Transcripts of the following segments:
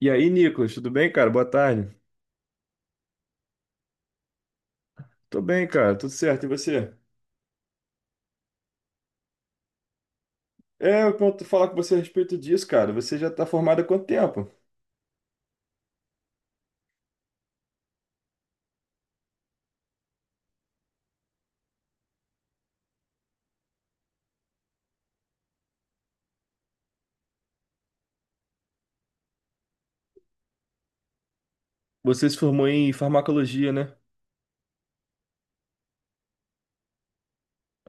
E aí, Nicolas, tudo bem, cara? Boa tarde. Tô bem, cara, tudo certo. E você? É, eu quero falar com você a respeito disso, cara. Você já tá formado há quanto tempo? Você se formou em farmacologia, né?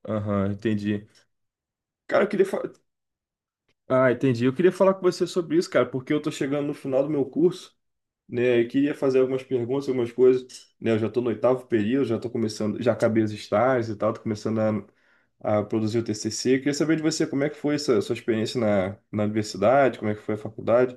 Aham, entendi. Cara, eu queria fa... Ah, entendi. Eu queria falar com você sobre isso, cara, porque eu tô chegando no final do meu curso, né? E queria fazer algumas perguntas, algumas coisas, né? Eu já tô no oitavo período, já tô começando, já acabei os estágios e tal, tô começando a produzir o TCC. Eu queria saber de você como é que foi essa sua experiência na universidade, como é que foi a faculdade.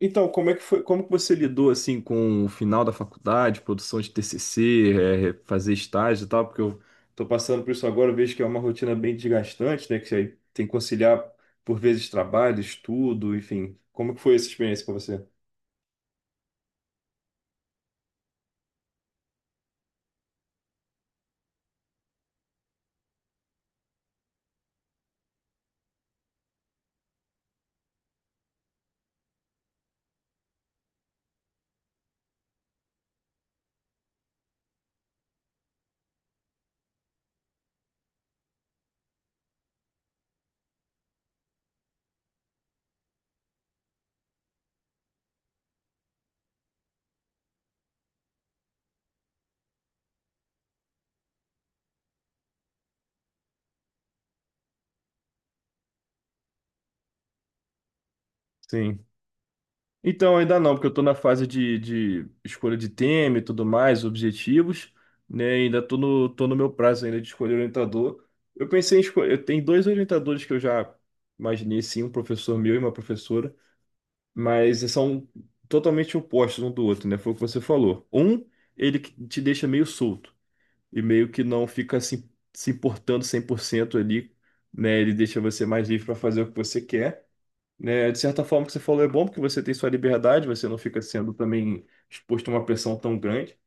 Então, como é que foi, como que você lidou assim com o final da faculdade, produção de TCC, fazer estágio e tal? Porque eu tô passando por isso agora, eu vejo que é uma rotina bem desgastante, né? Que você tem que conciliar por vezes trabalho, estudo, enfim. Como que foi essa experiência para você? Sim. Então, ainda não, porque eu estou na fase de escolha de tema e tudo mais, objetivos, né? Ainda estou tô no meu prazo ainda de escolher orientador. Eu pensei em escolher, eu tenho dois orientadores que eu já imaginei, sim, um professor meu e uma professora. Mas são totalmente opostos um do outro, né? Foi o que você falou. Um, ele que te deixa meio solto e meio que não fica se importando 100% ali, né? Ele deixa você mais livre para fazer o que você quer, né? De certa forma, o que você falou é bom porque você tem sua liberdade, você não fica sendo também exposto a uma pressão tão grande,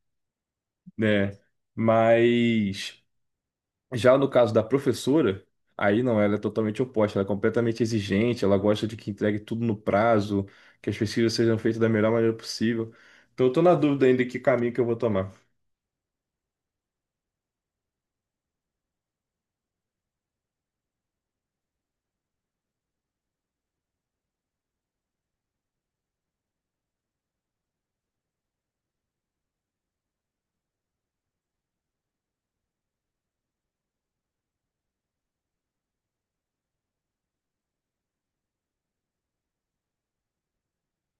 né? Mas já no caso da professora, aí não, ela é totalmente oposta, ela é completamente exigente, ela gosta de que entregue tudo no prazo, que as pesquisas sejam feitas da melhor maneira possível. Então eu tô na dúvida ainda que caminho que eu vou tomar.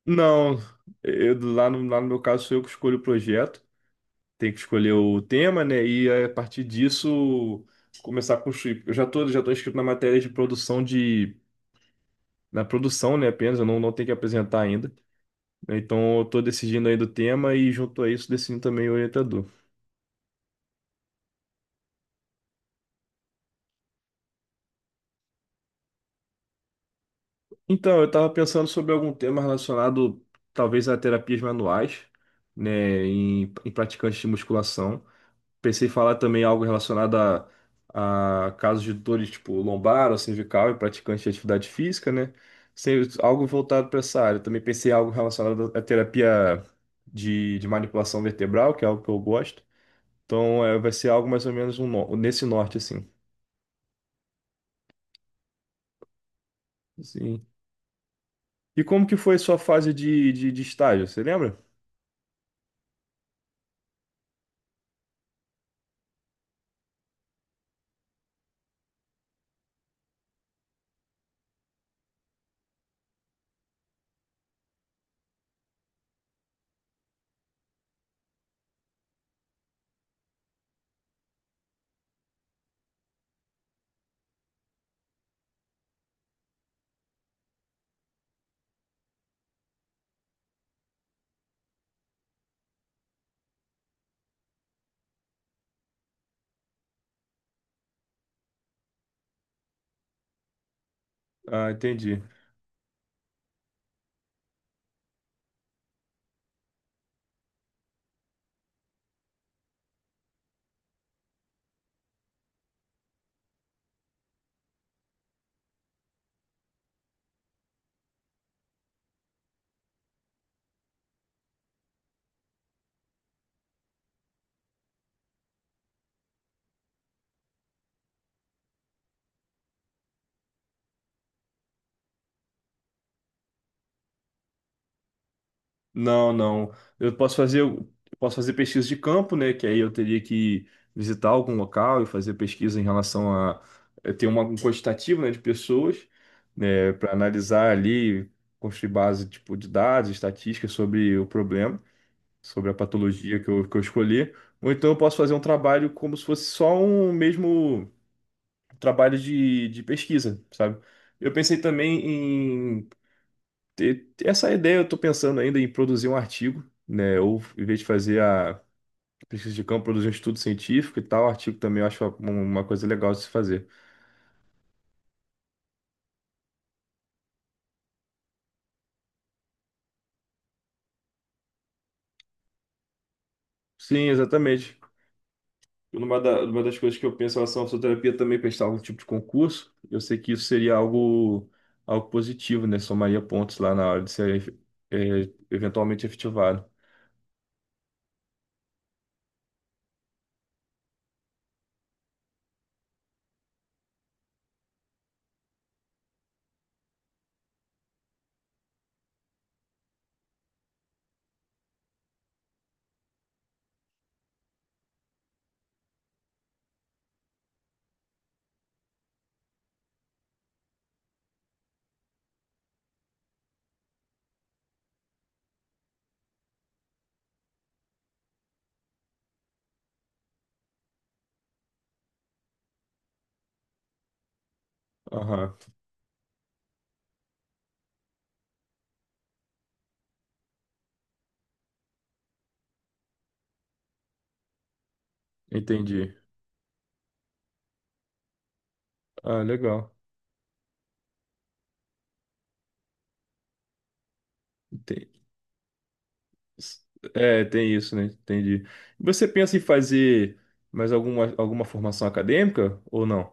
Não, lá lá no meu caso sou eu que escolho o projeto, tenho que escolher o tema, né? E a partir disso começar a construir. Eu já tô inscrito na matéria de produção de. Na produção, né, apenas, eu não tenho que apresentar ainda. Então eu tô decidindo ainda o tema e junto a isso decidindo também o orientador. Então, eu estava pensando sobre algum tema relacionado, talvez, a terapias manuais, né, em praticantes de musculação. Pensei em falar também algo relacionado a casos de dores tipo lombar ou cervical em praticantes de atividade física, né? Algo voltado para essa área. Também pensei em algo relacionado à terapia de manipulação vertebral, que é algo que eu gosto. Então, é, vai ser algo mais ou menos nesse norte, assim. Sim. E como que foi a sua fase de, de estágio? Você lembra? Ah, entendi. Não, não. Eu posso fazer pesquisa de campo, né? Que aí eu teria que visitar algum local e fazer pesquisa em relação a ter um quantitativo, né, de pessoas, né, para analisar ali, construir base tipo de dados, estatísticas sobre o problema, sobre a patologia que que eu escolhi. Ou então eu posso fazer um trabalho como se fosse só um mesmo trabalho de pesquisa, sabe? Eu pensei também e essa ideia eu estou pensando ainda em produzir um artigo, né? Ou em vez de fazer a pesquisa de campo, produzir um estudo científico e tal, artigo também eu acho uma coisa legal de se fazer. Sim, exatamente. Uma das coisas que eu penso em relação à fisioterapia é também prestar algum tipo de concurso. Eu sei que isso seria algo, algo positivo, né? Somaria pontos lá na hora de ser eventualmente efetivado. Aham, entendi. Ah, legal. Ente- É, tem isso, né? Entendi. E você pensa em fazer mais alguma, alguma formação acadêmica ou não?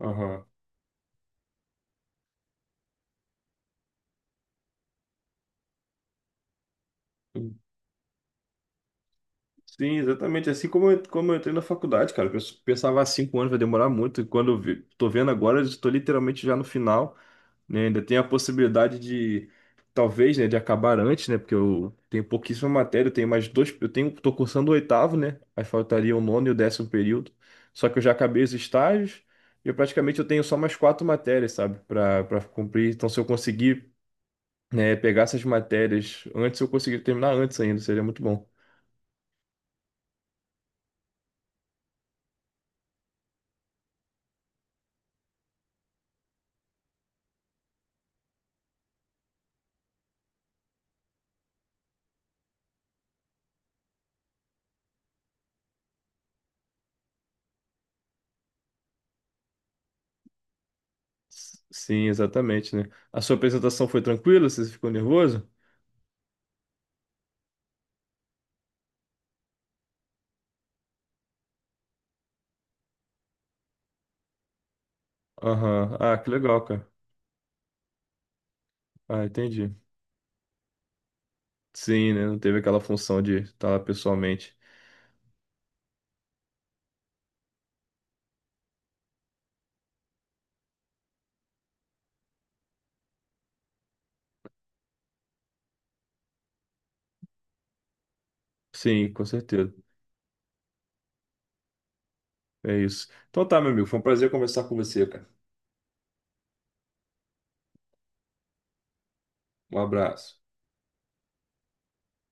Aham. Sim, exatamente. Assim como eu entrei na faculdade, cara. Eu pensava há cinco anos vai demorar muito. E quando eu vi, tô vendo agora, eu estou literalmente já no final. Né? Ainda tem a possibilidade de, talvez, né, de acabar antes, né? Porque eu tenho pouquíssima matéria, eu tenho mais dois, tô cursando o oitavo, né? Aí faltaria o nono e o décimo período. Só que eu já acabei os estágios e eu praticamente eu tenho só mais quatro matérias, sabe, para cumprir. Então, se eu conseguir, né, pegar essas matérias antes, eu conseguir terminar antes ainda, seria muito bom. Sim, exatamente, né? A sua apresentação foi tranquila? Você ficou nervoso? Aham. Ah, que legal, cara. Ah, entendi. Sim, né? Não teve aquela função de estar lá pessoalmente. Sim, com certeza. É isso. Então tá, meu amigo. Foi um prazer conversar com você, cara. Um abraço.